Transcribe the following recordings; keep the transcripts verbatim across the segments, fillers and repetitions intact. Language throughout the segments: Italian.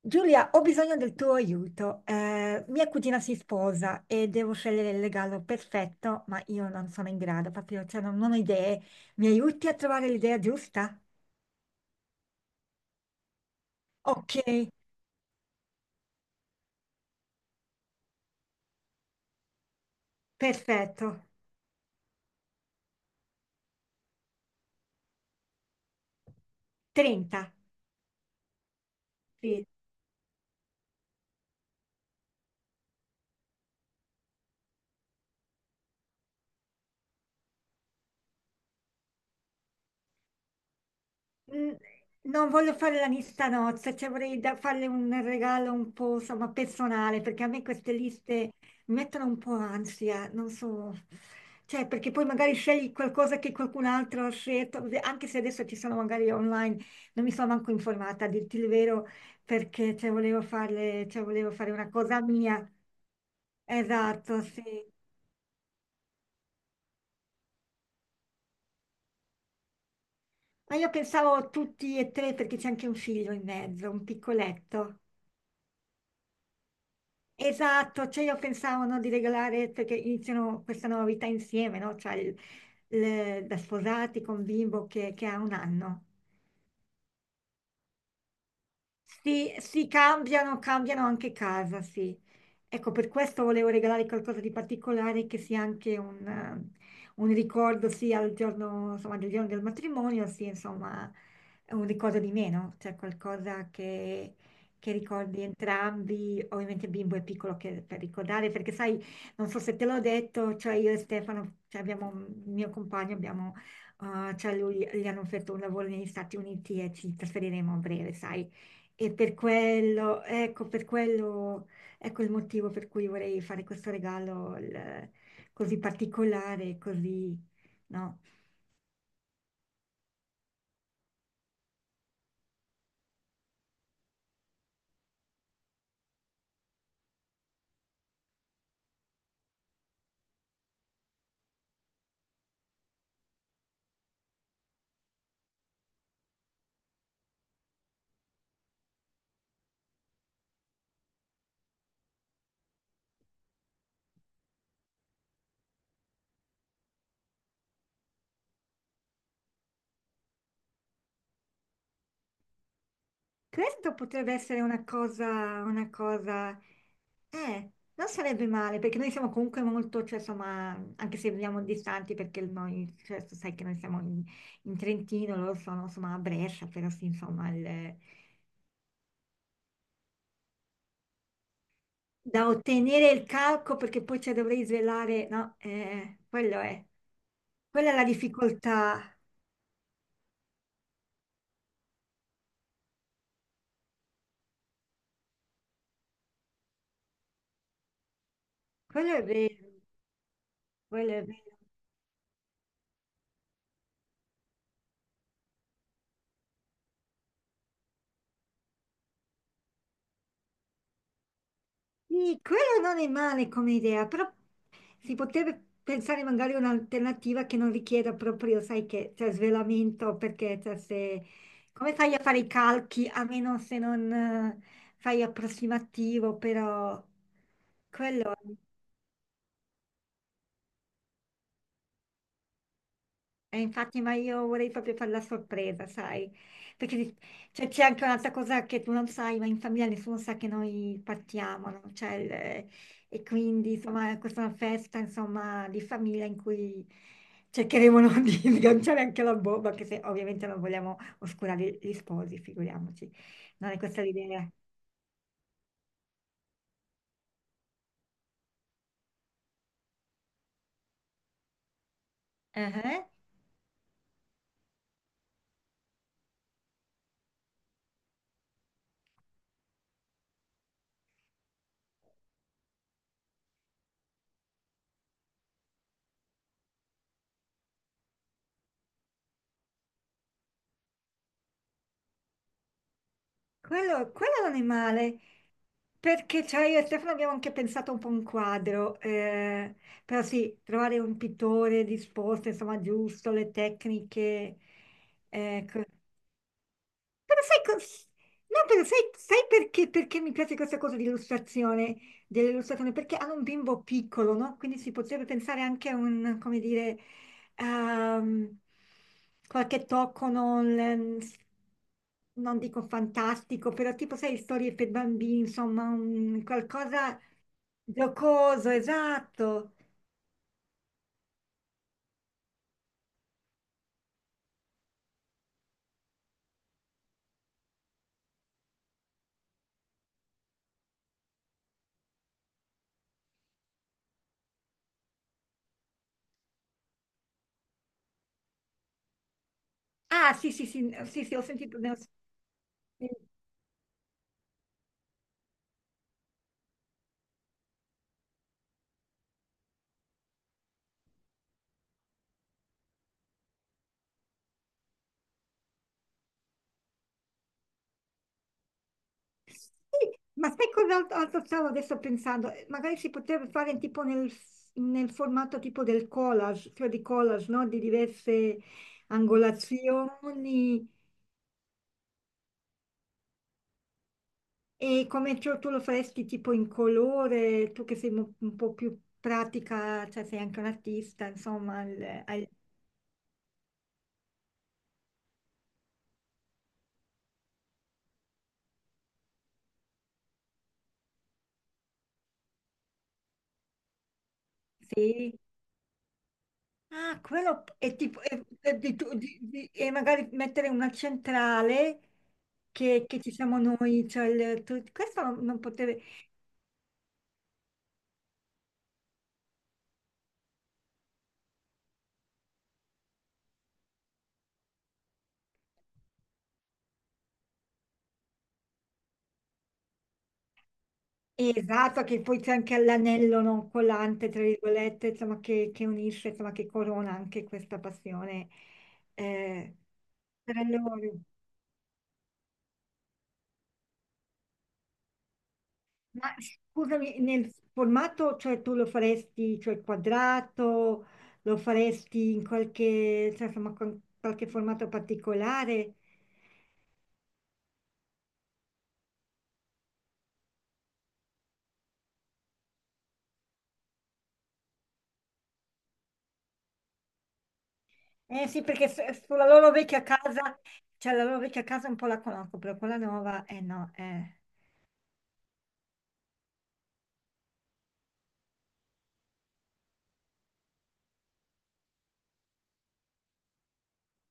Giulia, ho bisogno del tuo aiuto. Eh, mia cugina si sposa e devo scegliere il regalo perfetto, ma io non sono in grado, proprio, cioè, non, non ho idee. Mi aiuti a trovare l'idea giusta? Ok, perfetto. trenta. Mm, Non voglio fare la lista nozze, cioè vorrei da- farle un regalo un po', insomma, personale, perché a me queste liste mi mettono un po' ansia, non so, cioè perché poi magari scegli qualcosa che qualcun altro ha scelto, anche se adesso ci sono magari online, non mi sono manco informata, a dirti il vero, perché cioè, volevo farle, cioè, volevo fare una cosa mia. Esatto, sì. Ma io pensavo tutti e tre perché c'è anche un figlio in mezzo, un piccoletto. Esatto, cioè io pensavo no, di regalare perché iniziano questa nuova vita insieme, no? Cioè il- il- da sposati con bimbo che, che ha un anno. Sì, sì, cambiano, cambiano anche casa, sì. Ecco, per questo volevo regalare qualcosa di particolare che sia anche un, eh, un ricordo sia al giorno, insomma, del giorno del matrimonio, sia insomma un ricordo di meno, cioè qualcosa che, che ricordi entrambi. Ovviamente il bimbo è piccolo che- per ricordare, perché sai, non so se te l'ho detto, cioè io e Stefano, cioè abbiamo, il mio compagno, abbiamo, eh, cioè lui, gli hanno offerto un lavoro negli Stati Uniti e ci trasferiremo a breve, sai. E per quello, ecco, per quello, ecco il motivo per cui vorrei fare questo regalo il- così particolare, così, no? Questo potrebbe essere una cosa, una cosa, eh, non sarebbe male, perché noi siamo comunque molto, cioè, insomma, anche se viviamo distanti, perché noi, cioè, tu sai che noi siamo in, in Trentino, loro sono, insomma, a Brescia, però sì, insomma, il... da ottenere il calco perché poi ci dovrei svelare, no? Eh, quello è, quella è la difficoltà, quello è vero, quello è vero. Sì, quello non è male come idea, però si potrebbe pensare magari a un'alternativa che non richieda proprio, sai che c'è svelamento, perché cioè, se, come fai a fare i calchi, a meno se non eh, fai approssimativo, però... Eh, infatti, ma io vorrei proprio fare la sorpresa, sai? Perché di- cioè, c'è anche un'altra cosa che tu non sai, ma in famiglia nessuno sa che noi partiamo, no? Cioè, il- e quindi, insomma, questa è una festa, insomma, di famiglia in cui cercheremo no, di sganciare anche la bomba, anche se ovviamente non vogliamo oscurare gli sposi, figuriamoci. Non è questa l'idea. Eh, eh. Quello, quello non è male. Perché cioè io e Stefano abbiamo anche pensato un po' un quadro, eh, però sì, trovare un pittore disposto, insomma, giusto, le tecniche, ecco. Però sai, cos- no, però sai, sai perché, perché mi piace questa cosa di illustrazione, dell'illustrazione? Perché hanno un bimbo piccolo, no? Quindi si potrebbe pensare anche a un, come dire, ehm, qualche tocco non, non dico fantastico, però tipo, sai, storie per bambini, insomma, un qualcosa giocoso, esatto. Ah, sì, sì, sì, sì, sì, ho sentito. Ne ho sentito. Sì, ma sai cos'altro altro stavo adesso pensando? Magari si potrebbe fare tipo nel, nel formato tipo del collage, cioè di collage, no? Di diverse angolazioni e come tu, tu lo faresti tipo in colore, tu che sei mo- un po' più pratica, cioè sei anche un artista, insomma, al- al- sì. Ah, quello è tipo, è- è di tu- di- di- e magari mettere una centrale che, che ci siamo noi, cioè il- tu- questo non, non poteva, Esatto, che poi c'è anche l'anello non collante, tra virgolette, insomma, che, che unisce, insomma, che corona anche questa passione eh, tra loro. Ma scusami, nel formato, cioè tu lo faresti, cioè quadrato, lo faresti in qualche, cioè, insomma, con qualche formato particolare? Eh sì, perché se- sulla loro vecchia casa, cioè la loro vecchia casa un po' la conosco, però quella nuova, eh no, eh.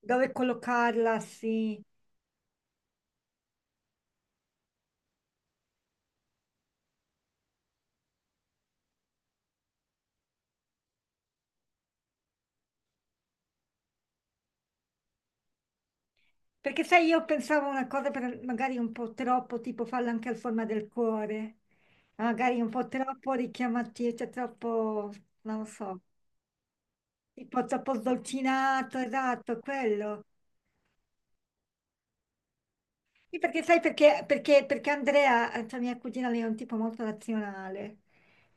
Dove collocarla, sì. Perché sai, io pensavo una cosa per- magari un po' troppo, tipo farla anche al forma del cuore, magari un po' troppo richiamativo, cioè troppo, non lo so, tipo troppo sdolcinato, esatto, quello. Sì, perché sai perché, perché, perché Andrea, eh, cioè mia cugina, lei è un tipo molto razionale,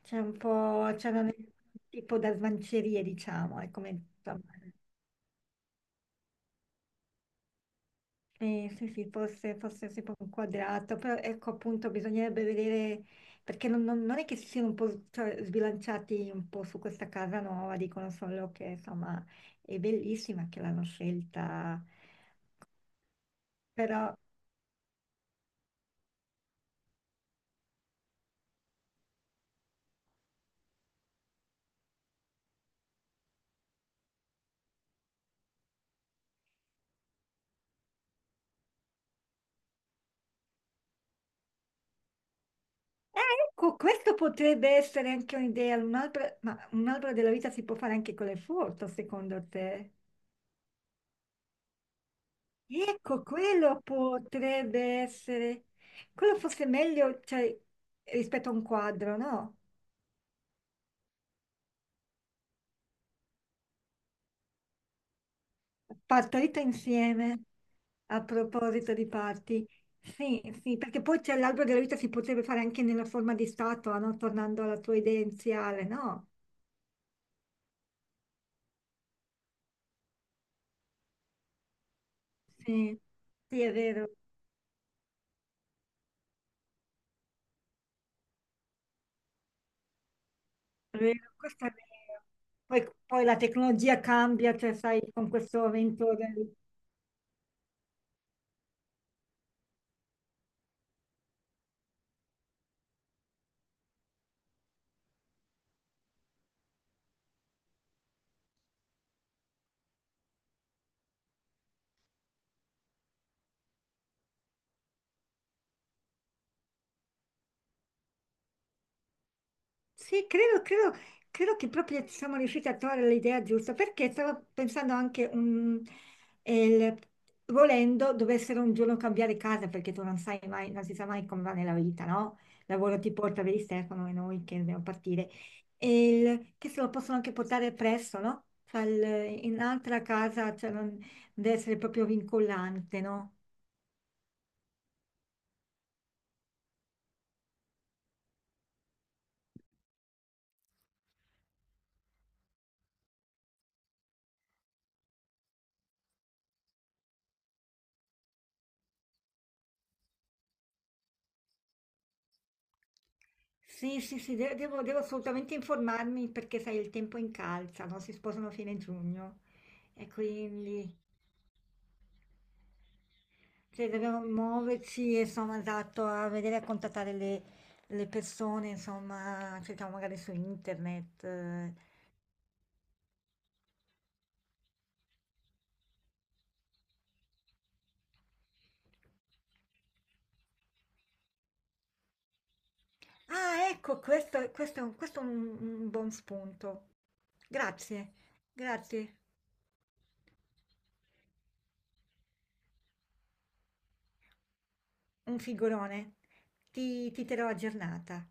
cioè un po', cioè non è un tipo da smancerie, diciamo, è come, insomma. Sì, sì, sì, forse, forse si può inquadrato, però ecco appunto bisognerebbe vedere, perché non, non- non è che si siano un po' s- cioè, sbilanciati un po' su questa casa nuova, dicono solo che insomma è bellissima che l'hanno scelta, però eh, ecco, questo potrebbe essere anche un'idea, un albero, ma un albero della vita si può fare anche con le foto, secondo te? Ecco, quello potrebbe essere, quello fosse meglio, cioè, rispetto a un quadro, no? Partorita insieme, a proposito di parti. Sì, sì, perché poi c'è l'albero della vita si potrebbe fare anche nella forma di statua, no? Tornando alla tua idea iniziale, no? Sì, sì, è vero, è vero, questo è vero. Poi, poi la tecnologia cambia, cioè sai, con questo avvento del. Sì, credo, credo, credo che proprio siamo riusciti a trovare l'idea giusta, perché stavo pensando anche, un, eh, il- volendo, dovessero un giorno cambiare casa, perché tu non sai mai, non si sa mai come va nella vita, no? Il lavoro ti porta, vedi Stefano e noi che dobbiamo partire, e il- che se lo possono anche portare presso, no? Cioè, il- in un'altra casa, cioè non deve essere proprio vincolante, no? Sì, sì, sì, de- devo, devo assolutamente informarmi perché sai, il tempo incalza, no? Si sposano a fine giugno e quindi cioè, dobbiamo muoverci, insomma, esatto, a vedere a contattare le, le persone, insomma, cerchiamo magari su internet. eh. Ah, ecco, questo, questo è un, questo è un un buon spunto. Grazie, grazie, un figurone. Ti, ti terrò aggiornata.